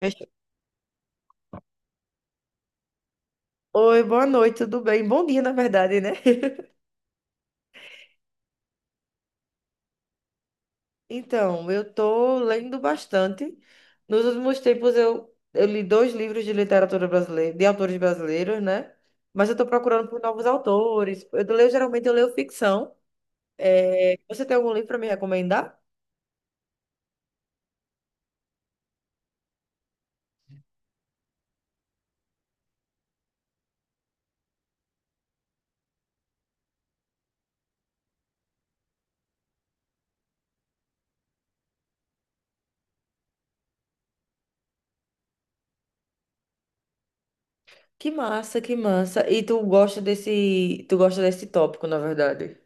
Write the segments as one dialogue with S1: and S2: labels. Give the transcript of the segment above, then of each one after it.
S1: Fechou. Oi, boa noite, tudo bem? Bom dia, na verdade, né? Então, eu tô lendo bastante. Nos últimos tempos eu li dois livros de literatura brasileira, de autores brasileiros, né? Mas eu tô procurando por novos autores. Eu leio, geralmente eu leio ficção. É, você tem algum livro para me recomendar? Que massa, que massa. E tu gosta desse tópico, na verdade.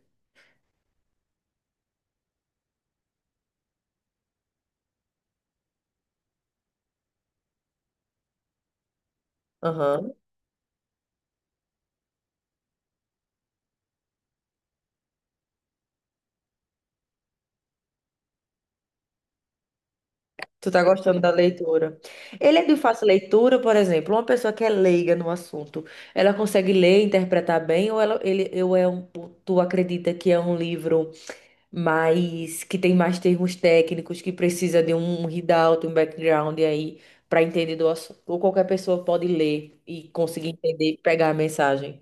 S1: Tu tá gostando da leitura. Ele é de fácil leitura, por exemplo, uma pessoa que é leiga no assunto, ela consegue ler, e interpretar bem, ou ela, ele, eu é um, tu acredita que é um livro mais, que tem mais termos técnicos, que precisa de um readout, um background aí para entender do assunto, ou qualquer pessoa pode ler e conseguir entender, pegar a mensagem.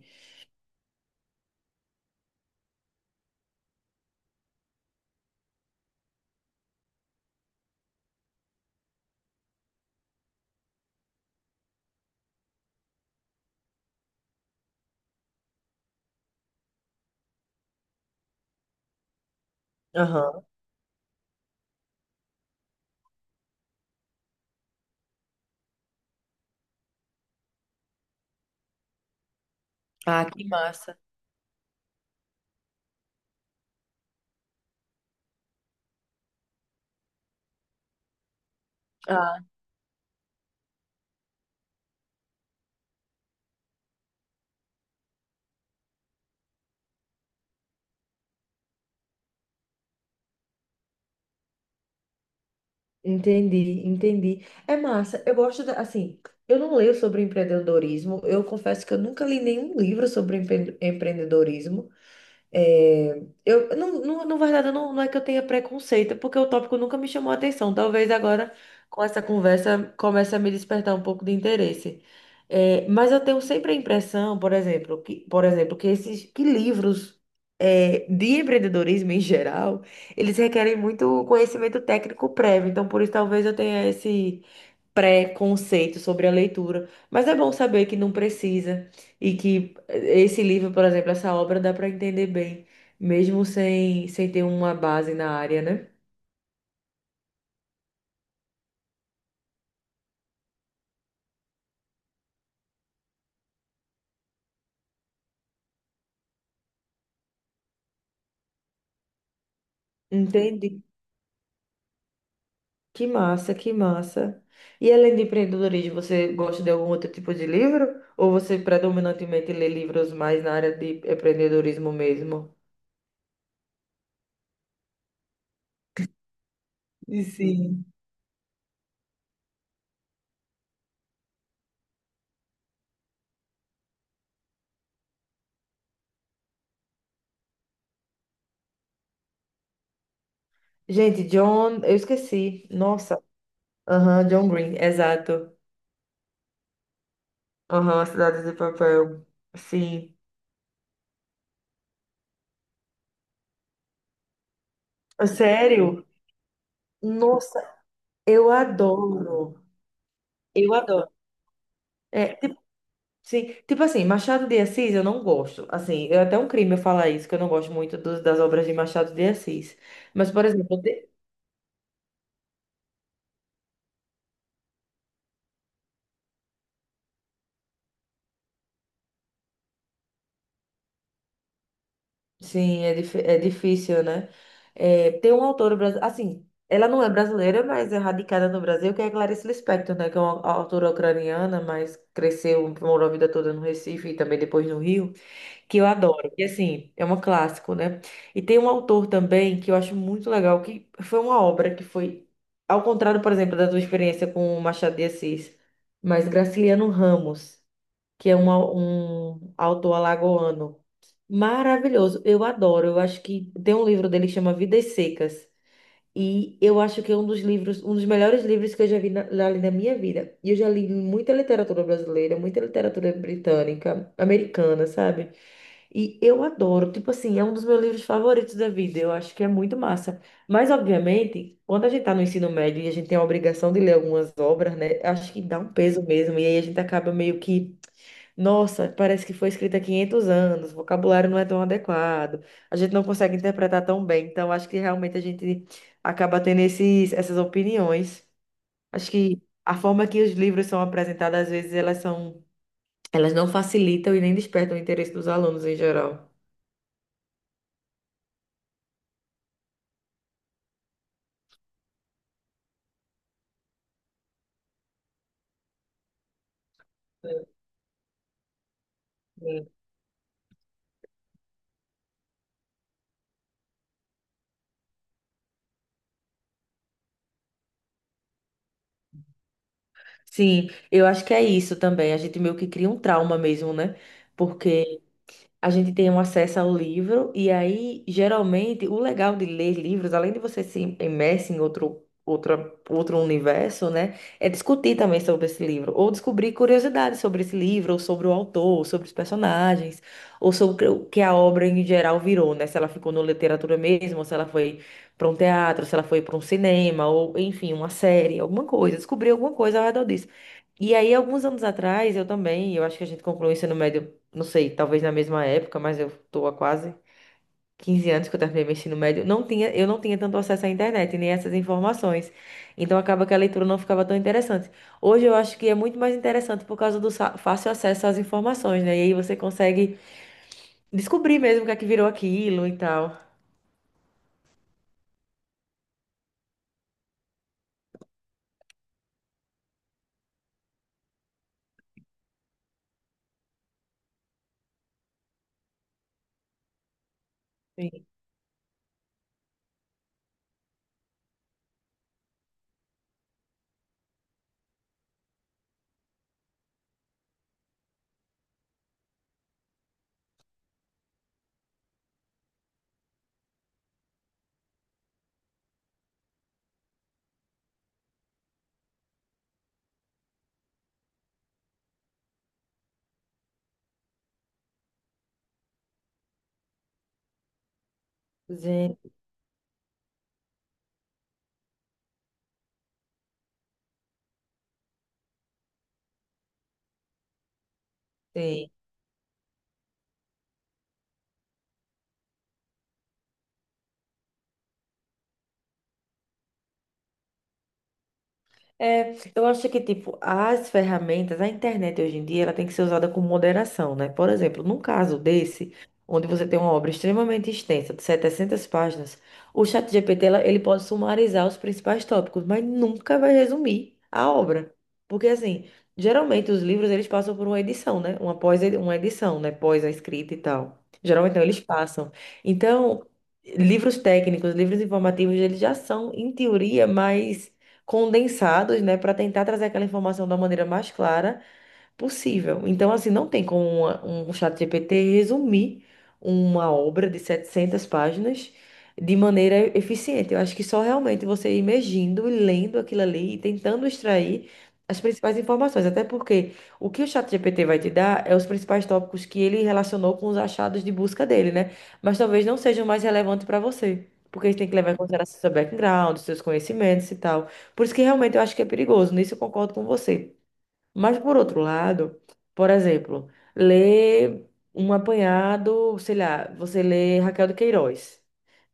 S1: Aham. Ah, que massa. Ah, entendi, entendi. É massa. Eu gosto da, assim, eu não leio sobre empreendedorismo. Eu confesso que eu nunca li nenhum livro sobre empreendedorismo. É, eu, não, não, na verdade, não, não é que eu tenha preconceito, é porque o tópico nunca me chamou a atenção. Talvez agora, com essa conversa, comece a me despertar um pouco de interesse. É, mas eu tenho sempre a impressão, por exemplo, que esses que livros é, de empreendedorismo em geral, eles requerem muito conhecimento técnico prévio. Então, por isso, talvez eu tenha esse preconceito sobre a leitura, mas é bom saber que não precisa e que esse livro, por exemplo, essa obra dá para entender bem, mesmo sem ter uma base na área, né? Entendi. Que massa, que massa. E além de empreendedorismo, você gosta de algum outro tipo de livro? Ou você predominantemente lê livros mais na área de empreendedorismo mesmo? E sim. Gente, John, eu esqueci. Nossa. Aham, John Green, exato. Aham, Cidade de Papel. Sim. Ah, sério? Nossa, eu adoro. Eu adoro. É, sim, tipo assim, Machado de Assis eu não gosto. Assim, é até um crime eu falar isso, que eu não gosto muito das obras de Machado de Assis. Mas, por exemplo, sim, é difícil, né? É, tem um autor brasileiro, assim, ela não é brasileira, mas é radicada no Brasil, que é Clarice Lispector, né? Que é uma autora ucraniana, mas cresceu, morou a vida toda no Recife e também depois no Rio. Que eu adoro. E assim, é um clássico, né? E tem um autor também que eu acho muito legal, que foi uma obra que foi, ao contrário, por exemplo, da tua experiência com o Machado de Assis, mas Graciliano Ramos, que é um autor alagoano maravilhoso. Eu adoro. Eu acho que tem um livro dele que chama Vidas Secas. E eu acho que é um dos livros, um dos melhores livros que eu já vi na minha vida. E eu já li muita literatura brasileira, muita literatura britânica, americana, sabe? E eu adoro, tipo assim, é um dos meus livros favoritos da vida. Eu acho que é muito massa. Mas, obviamente, quando a gente tá no ensino médio e a gente tem a obrigação de ler algumas obras, né? Acho que dá um peso mesmo. E aí a gente acaba meio que nossa, parece que foi escrita há 500 anos, o vocabulário não é tão adequado, a gente não consegue interpretar tão bem, então acho que realmente a gente acaba tendo esses, essas opiniões. Acho que a forma que os livros são apresentados, às vezes, elas não facilitam e nem despertam o interesse dos alunos em geral. Sim, sim, eu acho que é isso também. A gente meio que cria um trauma mesmo, né? Porque a gente tem um acesso ao livro, e aí, geralmente, o legal de ler livros, além de você se imerse em outro, outra, outro universo, né, é discutir também sobre esse livro, ou descobrir curiosidades sobre esse livro, ou sobre o autor, ou sobre os personagens, ou sobre o que a obra em geral virou, né, se ela ficou na literatura mesmo, ou se ela foi para um teatro, se ela foi para um cinema, ou, enfim, uma série, alguma coisa, descobrir alguma coisa ao redor disso. E aí, alguns anos atrás, eu também, eu acho que a gente concluiu o ensino médio não sei, talvez na mesma época, mas eu tô há quase 15 anos que eu terminei meu ensino médio, eu não tinha tanto acesso à internet, nem essas informações. Então acaba que a leitura não ficava tão interessante. Hoje eu acho que é muito mais interessante por causa do fácil acesso às informações, né? E aí você consegue descobrir mesmo o que é que virou aquilo e tal. Sim. Gente, sim. É, eu acho que, tipo, as ferramentas, a internet hoje em dia, ela tem que ser usada com moderação, né? Por exemplo, num caso desse, onde você tem uma obra extremamente extensa, de 700 páginas, o ChatGPT, ele pode sumarizar os principais tópicos, mas nunca vai resumir a obra. Porque, assim, geralmente os livros, eles passam por uma edição, né? Uma edição, né? Pós a escrita e tal. Geralmente, não, eles passam. Então, livros técnicos, livros informativos, eles já são, em teoria, mais condensados, né, para tentar trazer aquela informação da maneira mais clara possível. Então, assim, não tem como um chat GPT resumir uma obra de 700 páginas de maneira eficiente. Eu acho que só realmente você imergindo e lendo aquilo ali e tentando extrair as principais informações. Até porque o que o chat GPT vai te dar é os principais tópicos que ele relacionou com os achados de busca dele, né? Mas talvez não sejam mais relevantes para você. Porque você tem que levar em consideração seu background, seus conhecimentos e tal. Por isso que realmente eu acho que é perigoso. Nisso eu concordo com você. Mas, por outro lado, por exemplo, ler um apanhado, sei lá, você lê Raquel de Queiroz,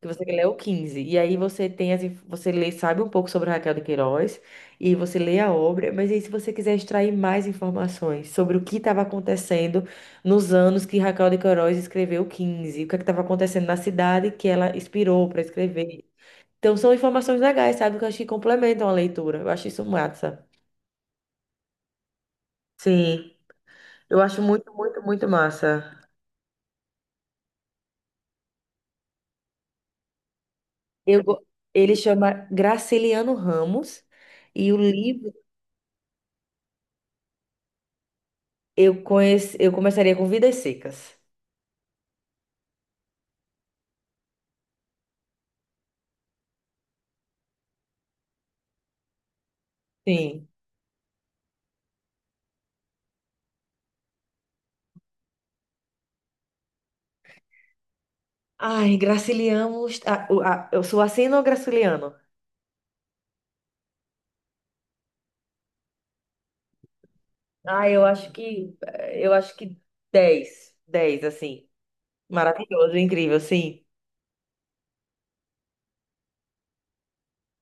S1: que você lê o Quinze e aí você tem você lê, sabe um pouco sobre Raquel de Queiroz, e você lê a obra, mas aí se você quiser extrair mais informações sobre o que estava acontecendo nos anos que Raquel de Queiroz escreveu o Quinze, o que estava acontecendo na cidade que ela inspirou para escrever. Então, são informações legais, sabe, que eu acho que complementam a leitura. Eu acho isso massa. Sim. Eu acho muito, muito, muito massa. Eu, go- ele chama Graciliano Ramos e o livro eu começaria com Vidas Secas. Sim. Ai, Graciliano, ah, ah, eu sou assim ou Graciliano? Ah, eu acho que 10, 10, assim. Maravilhoso, incrível, sim.